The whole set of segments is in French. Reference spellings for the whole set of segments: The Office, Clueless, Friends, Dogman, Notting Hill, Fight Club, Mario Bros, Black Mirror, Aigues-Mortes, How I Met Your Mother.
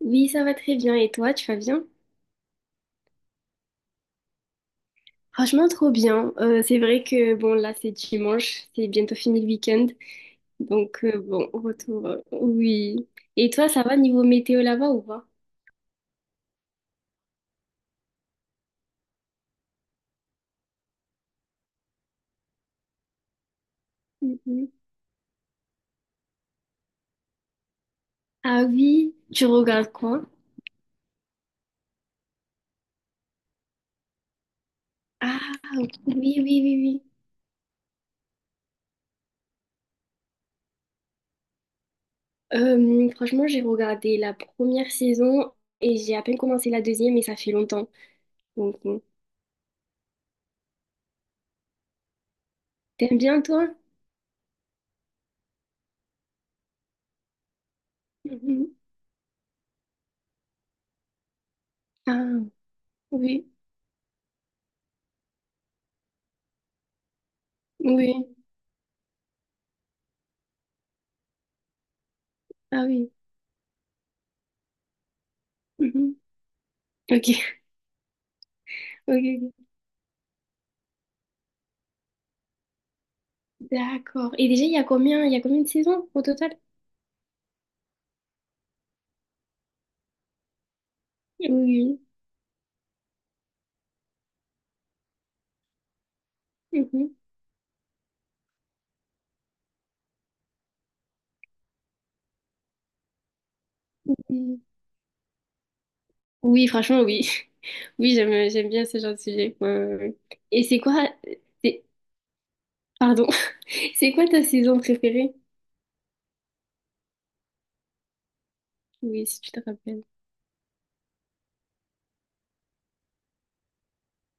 Oui, ça va très bien. Et toi, tu vas bien? Franchement, trop bien. C'est vrai que bon, là, c'est dimanche, c'est bientôt fini le week-end. Donc, bon, retour. Oui. Et toi, ça va niveau météo là-bas ou pas? Mhm. Ah oui, tu regardes quoi? Ah oui, oui, oui, oui. Franchement, j'ai regardé la première saison et j'ai à peine commencé la deuxième et ça fait longtemps. Donc, bon. T'aimes bien toi? Mhm. Ah oui, oui, ah oui. Mhm. Ok, ok, ok. D'accord. Et déjà, il y a combien de saisons au total? Oui. Mhm. Mhm. Oui, franchement, oui. Oui, j'aime bien ce genre de sujet. Ouais, ouais, ouais. Et c'est quoi, c'est- pardon, c'est quoi ta saison préférée? Oui, si tu te rappelles.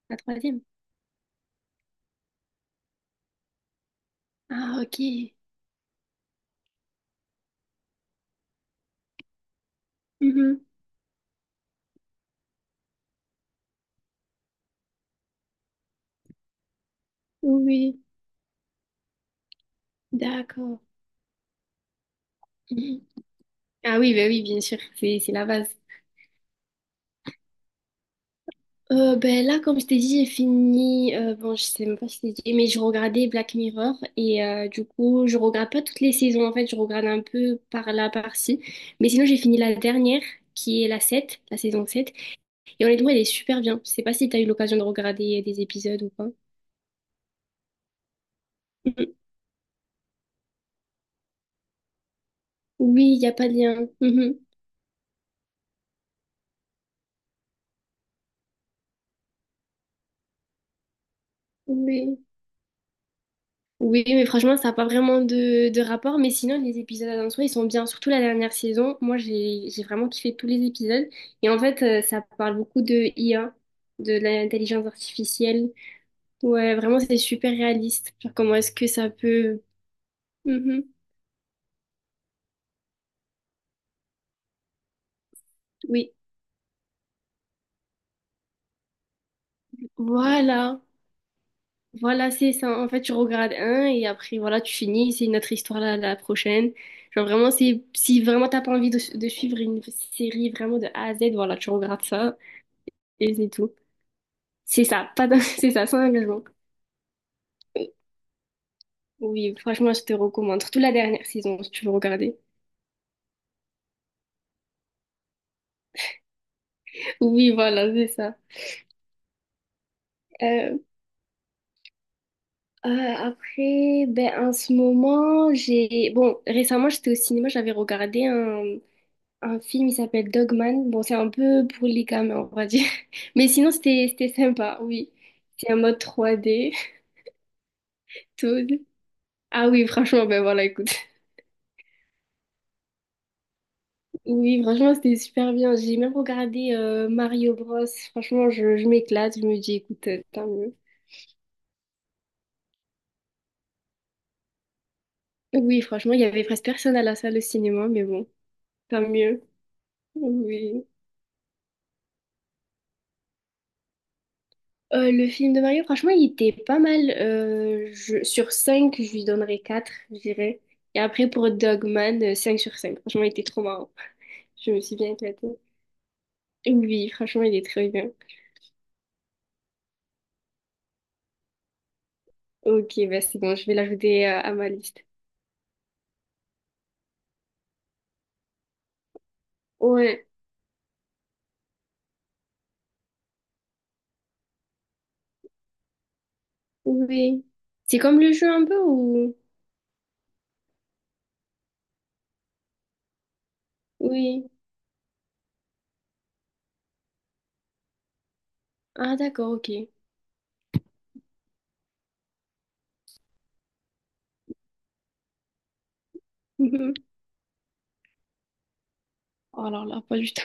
La troisième. Ah, ok. Mhm. Oui, d'accord. Mhm. Ah oui, bah oui, bien sûr, c'est la base. Ben là, comme je t'ai dit, j'ai fini. Bon, je sais même pas si je t'ai dit, mais je regardais Black Mirror et du coup, je regarde pas toutes les saisons en fait, je regarde un peu par là, par-ci. Mais sinon, j'ai fini la dernière qui est la saison sept. Et honnêtement, elle est super bien. Je sais pas si t'as eu l'occasion de regarder des épisodes ou pas. Mhm. Oui, il n'y a pas de lien. Mhm. Oui. Oui, mais franchement, ça n'a pas vraiment de rapport. Mais sinon, les épisodes en soi, ils sont bien. Surtout la dernière saison. Moi, j'ai vraiment kiffé tous les épisodes. Et en fait, ça parle beaucoup de IA, de l'intelligence artificielle. Ouais, vraiment, c'est super réaliste. Genre, comment est-ce que ça peut... Mhm. Oui, voilà. Voilà, c'est ça. En fait, tu regardes un et après, voilà, tu finis. C'est une autre histoire la prochaine. Genre, vraiment, c'est... Si vraiment t'as pas envie de suivre une série vraiment de A à Z, voilà, tu regardes ça et c'est tout. C'est ça, pas d'en- c'est ça, sans engagement. Oui, franchement, je te recommande. Surtout la dernière saison, si tu veux regarder. Oui, voilà, c'est ça. Euh, euh, Après, ben, en ce moment, j'ai... Bon, récemment, j'étais au cinéma, j'avais regardé un film, il s'appelle Dogman. Bon, c'est un peu pour les gamins, on va dire. Mais sinon, c'était sympa, oui. C'est un mode 3D, tout. Ah oui, franchement, ben voilà, écoute. Oui, franchement, c'était super bien. J'ai même regardé Mario Bros. Franchement, je m'éclate. Je me dis, écoute, tant mieux. Oui, franchement, il y avait presque personne à la salle de cinéma, mais bon, tant mieux. Oui. Le film de Mario, franchement, il était pas mal. Sur cinq, je lui donnerais quatre, je dirais. Et après, pour Dogman, 5 sur cinq. Franchement, il était trop marrant. Je me suis bien éclatée. Oui, franchement, il est très bien. Ok, bah c'est bon, je vais l'ajouter à ma liste. Ouais, oui. C'est comme le jeu un peu ou... Oui. Ah, d'accord, ok. Mhm. Oh là là, pas du tout.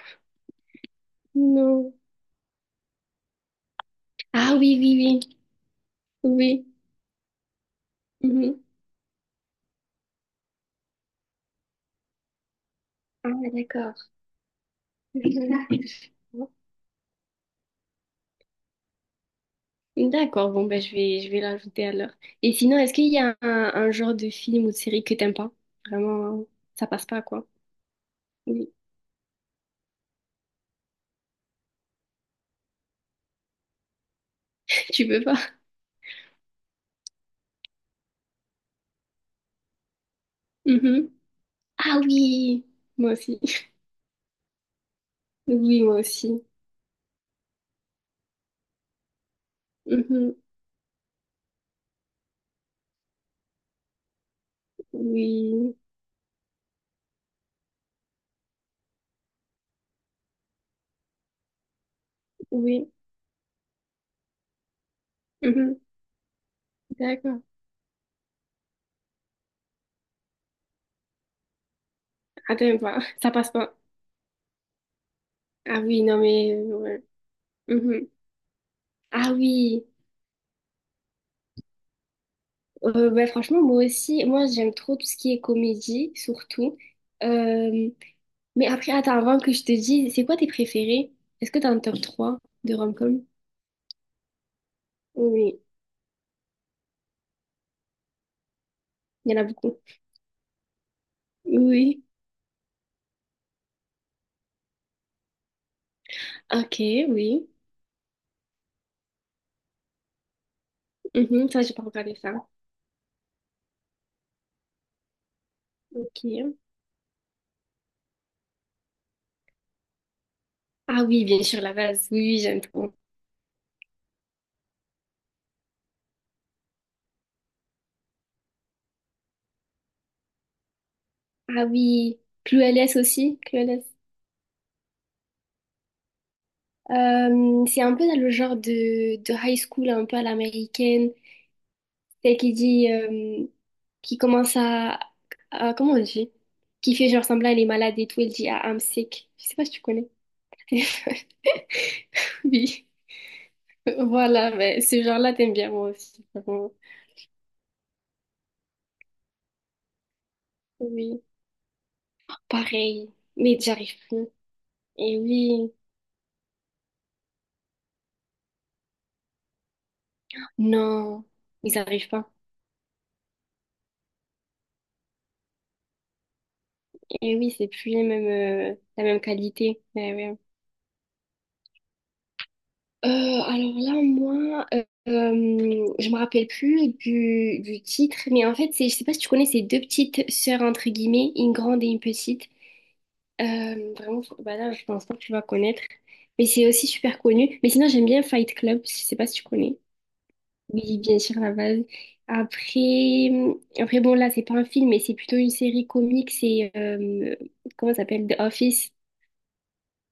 Non. Ah oui, oui, oui. Oui. Mhm. Ah, d'accord. Mhm. D'accord, bon, ben, je vais l'ajouter alors. Et sinon, est-ce qu'il y a un genre de film ou de série que t'aimes pas? Vraiment, ça passe pas, quoi. Oui. Tu peux pas? Mhm. Ah oui! Moi aussi. Oui, moi aussi. Mhm. Oui. Oui. Mhm. D'accord. Attends pas. Ça passe pas. Ah oui, non, mais... ouais. Ah oui, bah, franchement, moi aussi, moi j'aime trop tout ce qui est comédie, surtout. Euh, mais après, attends, avant que je te dise, c'est quoi tes préférés? Est-ce que t'as un top 3 de rom-com? Oui, il y en a beaucoup. Oui, ok, oui. Mhm, ça, j'ai pas regardé ça. Ok. Ah oui, bien sûr, la base. Oui, oui, j'aime trop. Ah oui, Clueless aussi, Clueless. C'est un peu dans le genre de high school, un peu à l'américaine. Celle qui dit, qui commence comment on dit? Qui fait genre semblant elle est malade et tout, elle dit ah, I'm sick. Je sais pas si tu connais. Oui. Voilà, mais ce genre-là, t'aimes bien moi aussi, vraiment. Oui. Pareil. Mais j'arrive plus. Et oui. Non. Ils arrivent pas. Et oui, c'est plus les mêmes, la même qualité. Eh oui, alors là, moi, je me rappelle plus du titre, mais en fait, c'est, je sais pas si tu connais ces deux petites sœurs, entre guillemets, une grande et une petite. Vraiment, bah là, je pense pas que tu vas connaître, mais c'est aussi super connu. Mais sinon, j'aime bien Fight Club, je sais pas si tu connais. Oui, bien sûr, la base. Après, après, bon, là, c'est pas un film, mais c'est plutôt une série comique, c'est, comment ça s'appelle? The Office.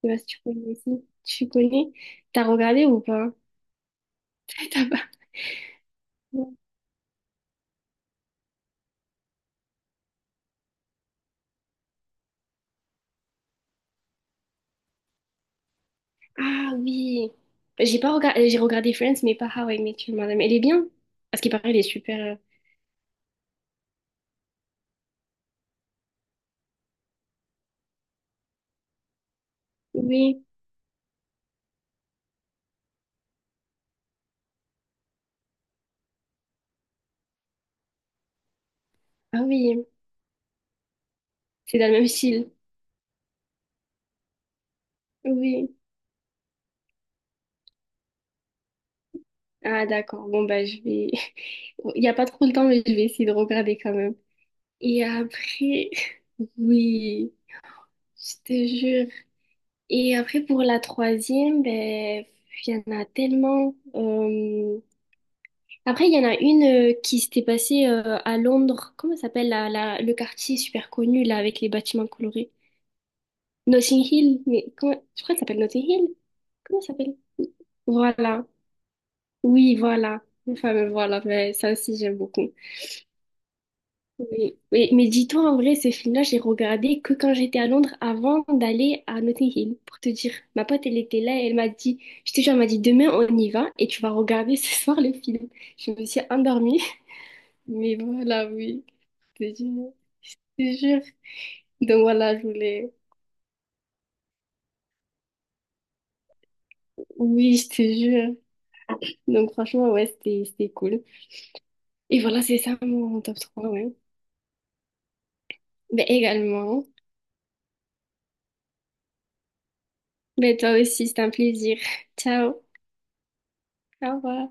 Je sais pas si tu connais aussi. Tu connais? T'as regardé ou pas? T'as pas. Ah oui. Bah, j'ai pas regardé, j'ai regardé Friends, mais pas How I Met Your Mother. Mais elle est bien. Parce qu'il paraît, elle est super. Oui. Ah oui. C'est dans le même style. Oui. Ah d'accord. Bon bah je vais. Il y a pas trop le temps, mais je vais essayer de regarder quand même. Et après, oui, je te jure. Et après pour la troisième, ben il y en a tellement. Après, il y en a une qui s'était passée à Londres. Comment ça s'appelle le quartier super connu là avec les bâtiments colorés? Notting Hill, mais comment... Je crois que ça s'appelle Notting Hill. Comment ça s'appelle? Voilà. Oui, voilà. Enfin, mais voilà, mais ça aussi, j'aime beaucoup. Oui. Mais, dis-toi, en vrai, ce film-là, j'ai regardé que quand j'étais à Londres avant d'aller à Notting Hill, pour te dire. Ma pote, elle était là et elle m'a dit, je te jure, elle m'a dit, demain, on y va et tu vas regarder ce soir le film. Je me suis endormie, mais voilà, oui. Je te jure. Je te jure. Donc voilà, je voulais. Oui, je te jure. Donc franchement, ouais, c'était cool. Et voilà, c'est ça mon top 3. Ouais. Ben également. Ben toi aussi, c'est un plaisir. Ciao. Au revoir.